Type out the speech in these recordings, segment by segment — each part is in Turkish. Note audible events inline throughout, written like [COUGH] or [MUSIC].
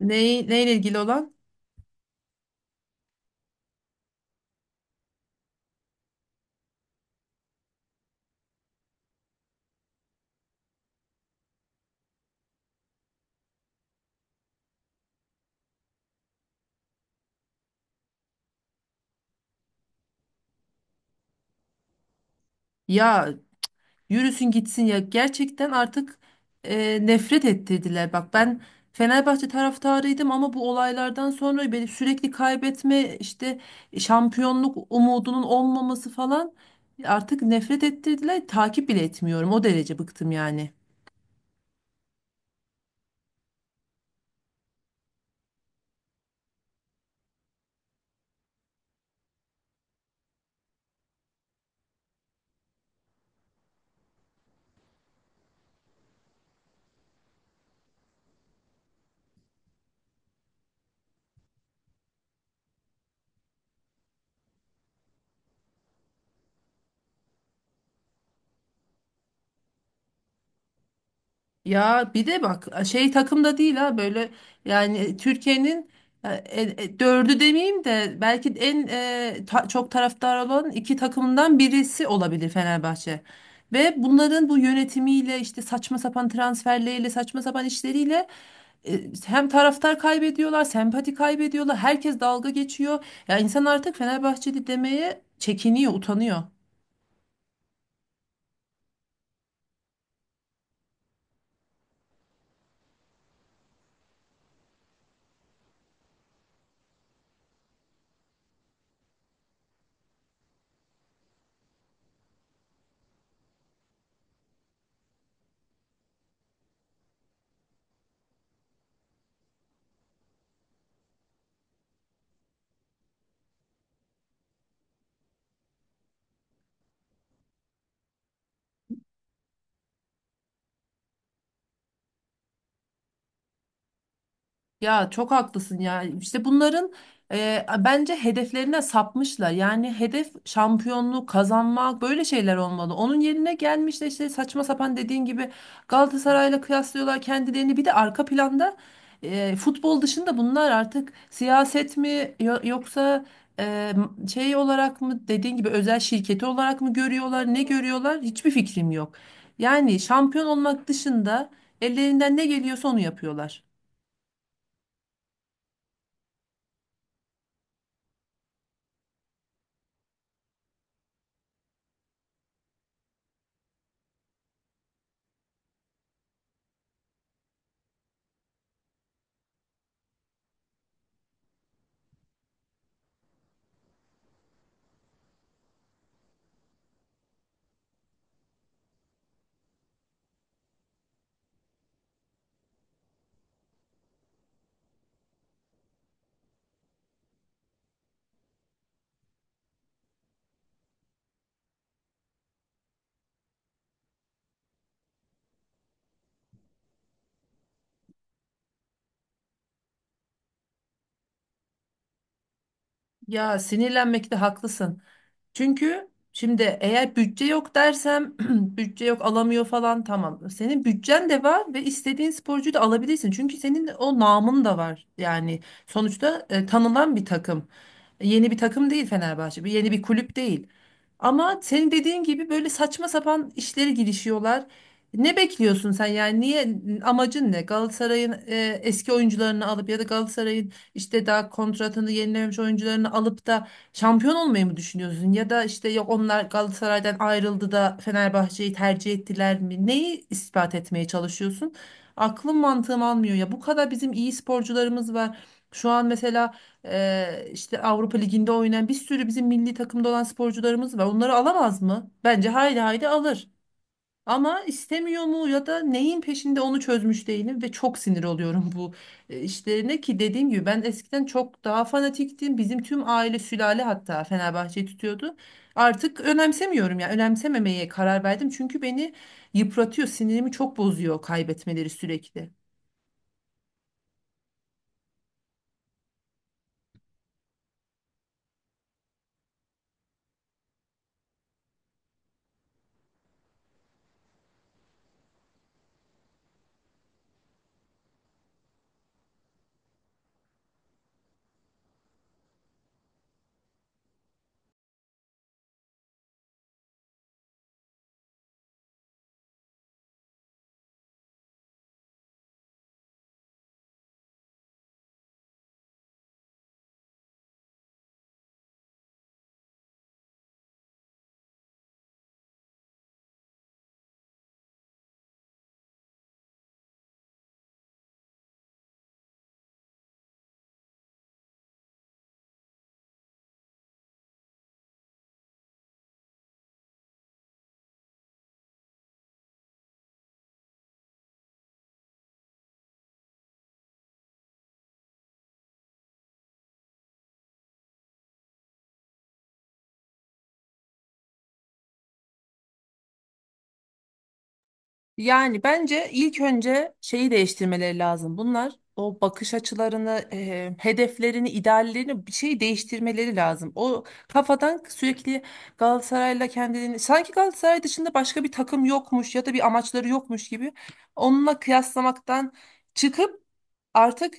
Neyle ilgili olan? Ya yürüsün gitsin ya. Gerçekten artık nefret ettirdiler. Bak ben Fenerbahçe taraftarıydım ama bu olaylardan sonra beni sürekli kaybetme işte şampiyonluk umudunun olmaması falan artık nefret ettirdiler. Takip bile etmiyorum. O derece bıktım yani. Ya bir de bak şey takımda değil ha böyle yani Türkiye'nin dördü demeyeyim de belki en çok taraftar olan iki takımdan birisi olabilir Fenerbahçe. Ve bunların bu yönetimiyle işte saçma sapan transferleriyle saçma sapan işleriyle e, hem taraftar kaybediyorlar, sempati kaybediyorlar, herkes dalga geçiyor. Ya insan artık Fenerbahçeli demeye çekiniyor, utanıyor. Ya çok haklısın ya. İşte bunların bence hedeflerine sapmışlar. Yani hedef şampiyonluğu kazanmak böyle şeyler olmalı. Onun yerine gelmiş de işte saçma sapan dediğin gibi Galatasaray'la kıyaslıyorlar kendilerini. Bir de arka planda futbol dışında bunlar artık siyaset mi yoksa e, şey olarak mı dediğin gibi özel şirketi olarak mı görüyorlar, ne görüyorlar? Hiçbir fikrim yok. Yani şampiyon olmak dışında ellerinden ne geliyorsa onu yapıyorlar. Ya sinirlenmekte haklısın. Çünkü şimdi eğer bütçe yok dersem [CLEARS THROAT] bütçe yok alamıyor falan tamam. Senin bütçen de var ve istediğin sporcuyu da alabilirsin. Çünkü senin o namın da var. Yani sonuçta tanınan bir takım. Yeni bir takım değil Fenerbahçe. Bir yeni bir kulüp değil. Ama senin dediğin gibi böyle saçma sapan işleri girişiyorlar. Ne bekliyorsun sen yani niye amacın ne? Galatasaray'ın eski oyuncularını alıp ya da Galatasaray'ın işte daha kontratını yenilememiş oyuncularını alıp da şampiyon olmayı mı düşünüyorsun? Ya da işte yok onlar Galatasaray'dan ayrıldı da Fenerbahçe'yi tercih ettiler mi? Neyi ispat etmeye çalışıyorsun? Aklım mantığım almıyor ya. Bu kadar bizim iyi sporcularımız var. Şu an mesela işte Avrupa Ligi'nde oynayan bir sürü bizim milli takımda olan sporcularımız var. Onları alamaz mı? Bence haydi haydi alır. Ama istemiyor mu ya da neyin peşinde onu çözmüş değilim ve çok sinir oluyorum bu işlerine ki dediğim gibi ben eskiden çok daha fanatiktim. Bizim tüm aile sülale hatta Fenerbahçe'yi tutuyordu. Artık önemsemiyorum yani önemsememeye karar verdim çünkü beni yıpratıyor, sinirimi çok bozuyor kaybetmeleri sürekli. Yani bence ilk önce şeyi değiştirmeleri lazım. Bunlar o bakış açılarını, hedeflerini, ideallerini bir şey değiştirmeleri lazım. O kafadan sürekli Galatasaray'la kendini sanki Galatasaray dışında başka bir takım yokmuş ya da bir amaçları yokmuş gibi onunla kıyaslamaktan çıkıp artık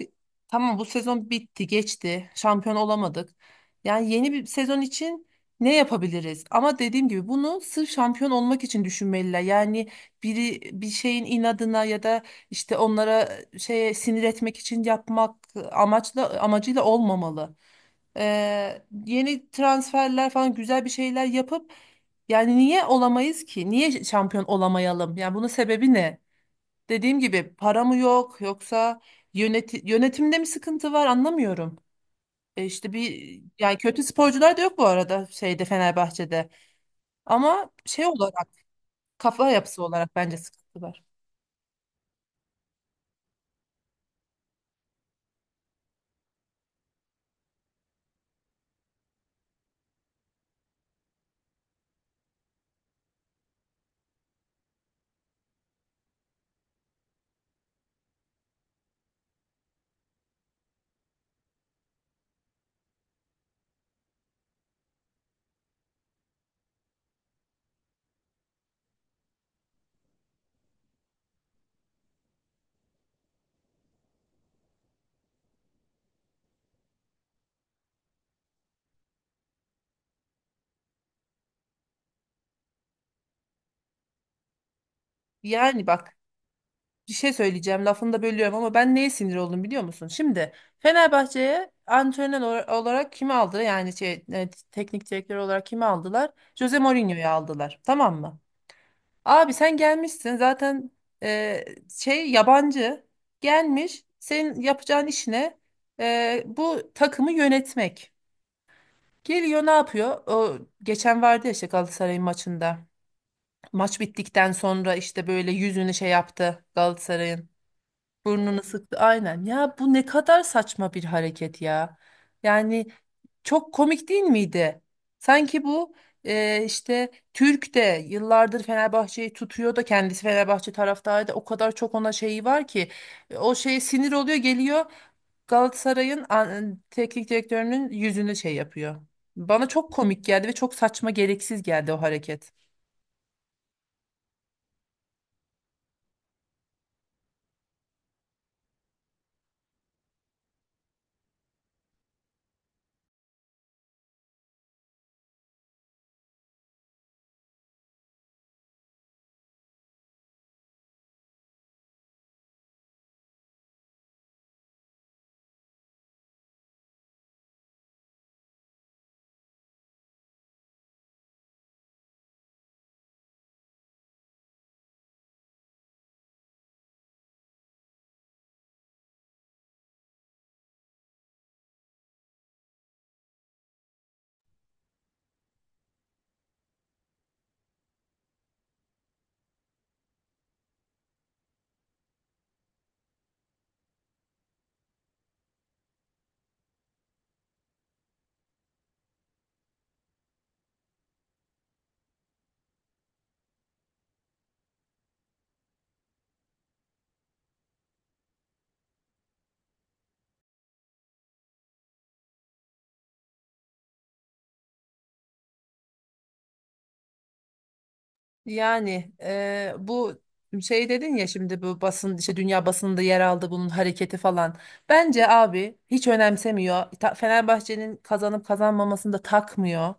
tamam bu sezon bitti, geçti. Şampiyon olamadık. Yani yeni bir sezon için ne yapabiliriz? Ama dediğim gibi bunu sırf şampiyon olmak için düşünmeliler. Yani biri bir şeyin inadına ya da işte onlara şeye sinir etmek için yapmak amacıyla olmamalı. Yeni transferler falan güzel bir şeyler yapıp yani niye olamayız ki? Niye şampiyon olamayalım? Yani bunun sebebi ne? Dediğim gibi para mı yok yoksa yönetimde mi sıkıntı var anlamıyorum. E işte bir yani kötü sporcular da yok bu arada şeyde Fenerbahçe'de. Ama şey olarak kafa yapısı olarak bence sıkıntı var. Yani bak bir şey söyleyeceğim lafını da bölüyorum ama ben neye sinir oldum biliyor musun? Şimdi Fenerbahçe'ye antrenör olarak kimi aldı? Yani şey, teknik direktör olarak kimi aldılar? Jose Mourinho'yu aldılar tamam mı? Abi sen gelmişsin zaten e, şey yabancı gelmiş senin yapacağın işine bu takımı yönetmek. Geliyor ne yapıyor? O geçen vardı ya işte Galatasaray'ın maçında. Maç bittikten sonra işte böyle yüzünü şey yaptı Galatasaray'ın. Burnunu sıktı. Aynen. Ya bu ne kadar saçma bir hareket ya. Yani çok komik değil miydi? Sanki bu işte Türk de yıllardır Fenerbahçe'yi tutuyor da kendisi Fenerbahçe taraftarı da o kadar çok ona şeyi var ki o şeye sinir oluyor geliyor Galatasaray'ın teknik direktörünün yüzünü şey yapıyor. Bana çok komik geldi ve çok saçma gereksiz geldi o hareket. Yani bu şey dedin ya şimdi bu basın işte dünya basınında yer aldı bunun hareketi falan. Bence abi hiç önemsemiyor. Fenerbahçe'nin kazanıp kazanmamasını da takmıyor.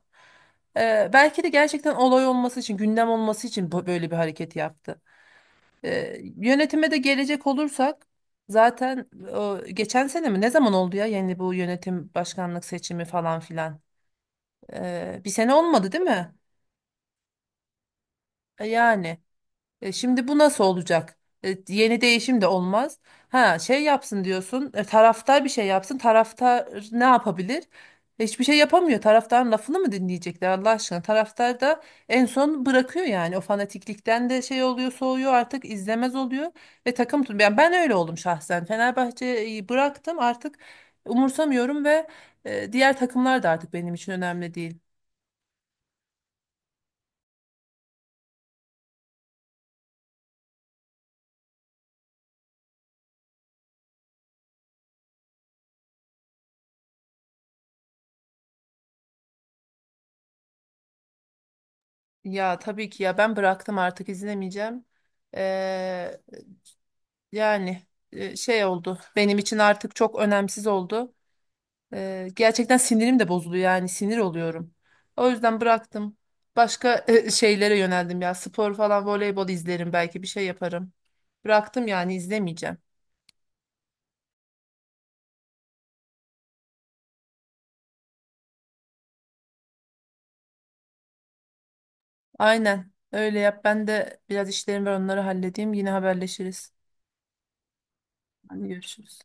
Belki de gerçekten olay olması için, gündem olması için böyle bir hareket yaptı. Yönetime de gelecek olursak zaten o, geçen sene mi ne zaman oldu ya yani bu yönetim başkanlık seçimi falan filan. Bir sene olmadı değil mi? Yani. Şimdi bu nasıl olacak? Yeni değişim de olmaz. Ha şey yapsın diyorsun. Taraftar bir şey yapsın. Taraftar ne yapabilir? Hiçbir şey yapamıyor. Taraftarın lafını mı dinleyecekler Allah aşkına? Taraftar da en son bırakıyor yani. O fanatiklikten de şey oluyor, soğuyor artık izlemez oluyor ve takım tut. Yani ben öyle oldum şahsen. Fenerbahçe'yi bıraktım artık umursamıyorum ve diğer takımlar da artık benim için önemli değil. Ya tabii ki ya ben bıraktım artık izlemeyeceğim. E, Yani şey oldu. Benim için artık çok önemsiz oldu. Gerçekten sinirim de bozuldu yani sinir oluyorum. O yüzden bıraktım. Başka şeylere yöneldim ya. Spor falan, voleybol izlerim belki bir şey yaparım. Bıraktım yani izlemeyeceğim. Aynen. Öyle yap. Ben de biraz işlerim var onları halledeyim. Yine haberleşiriz. Hadi görüşürüz.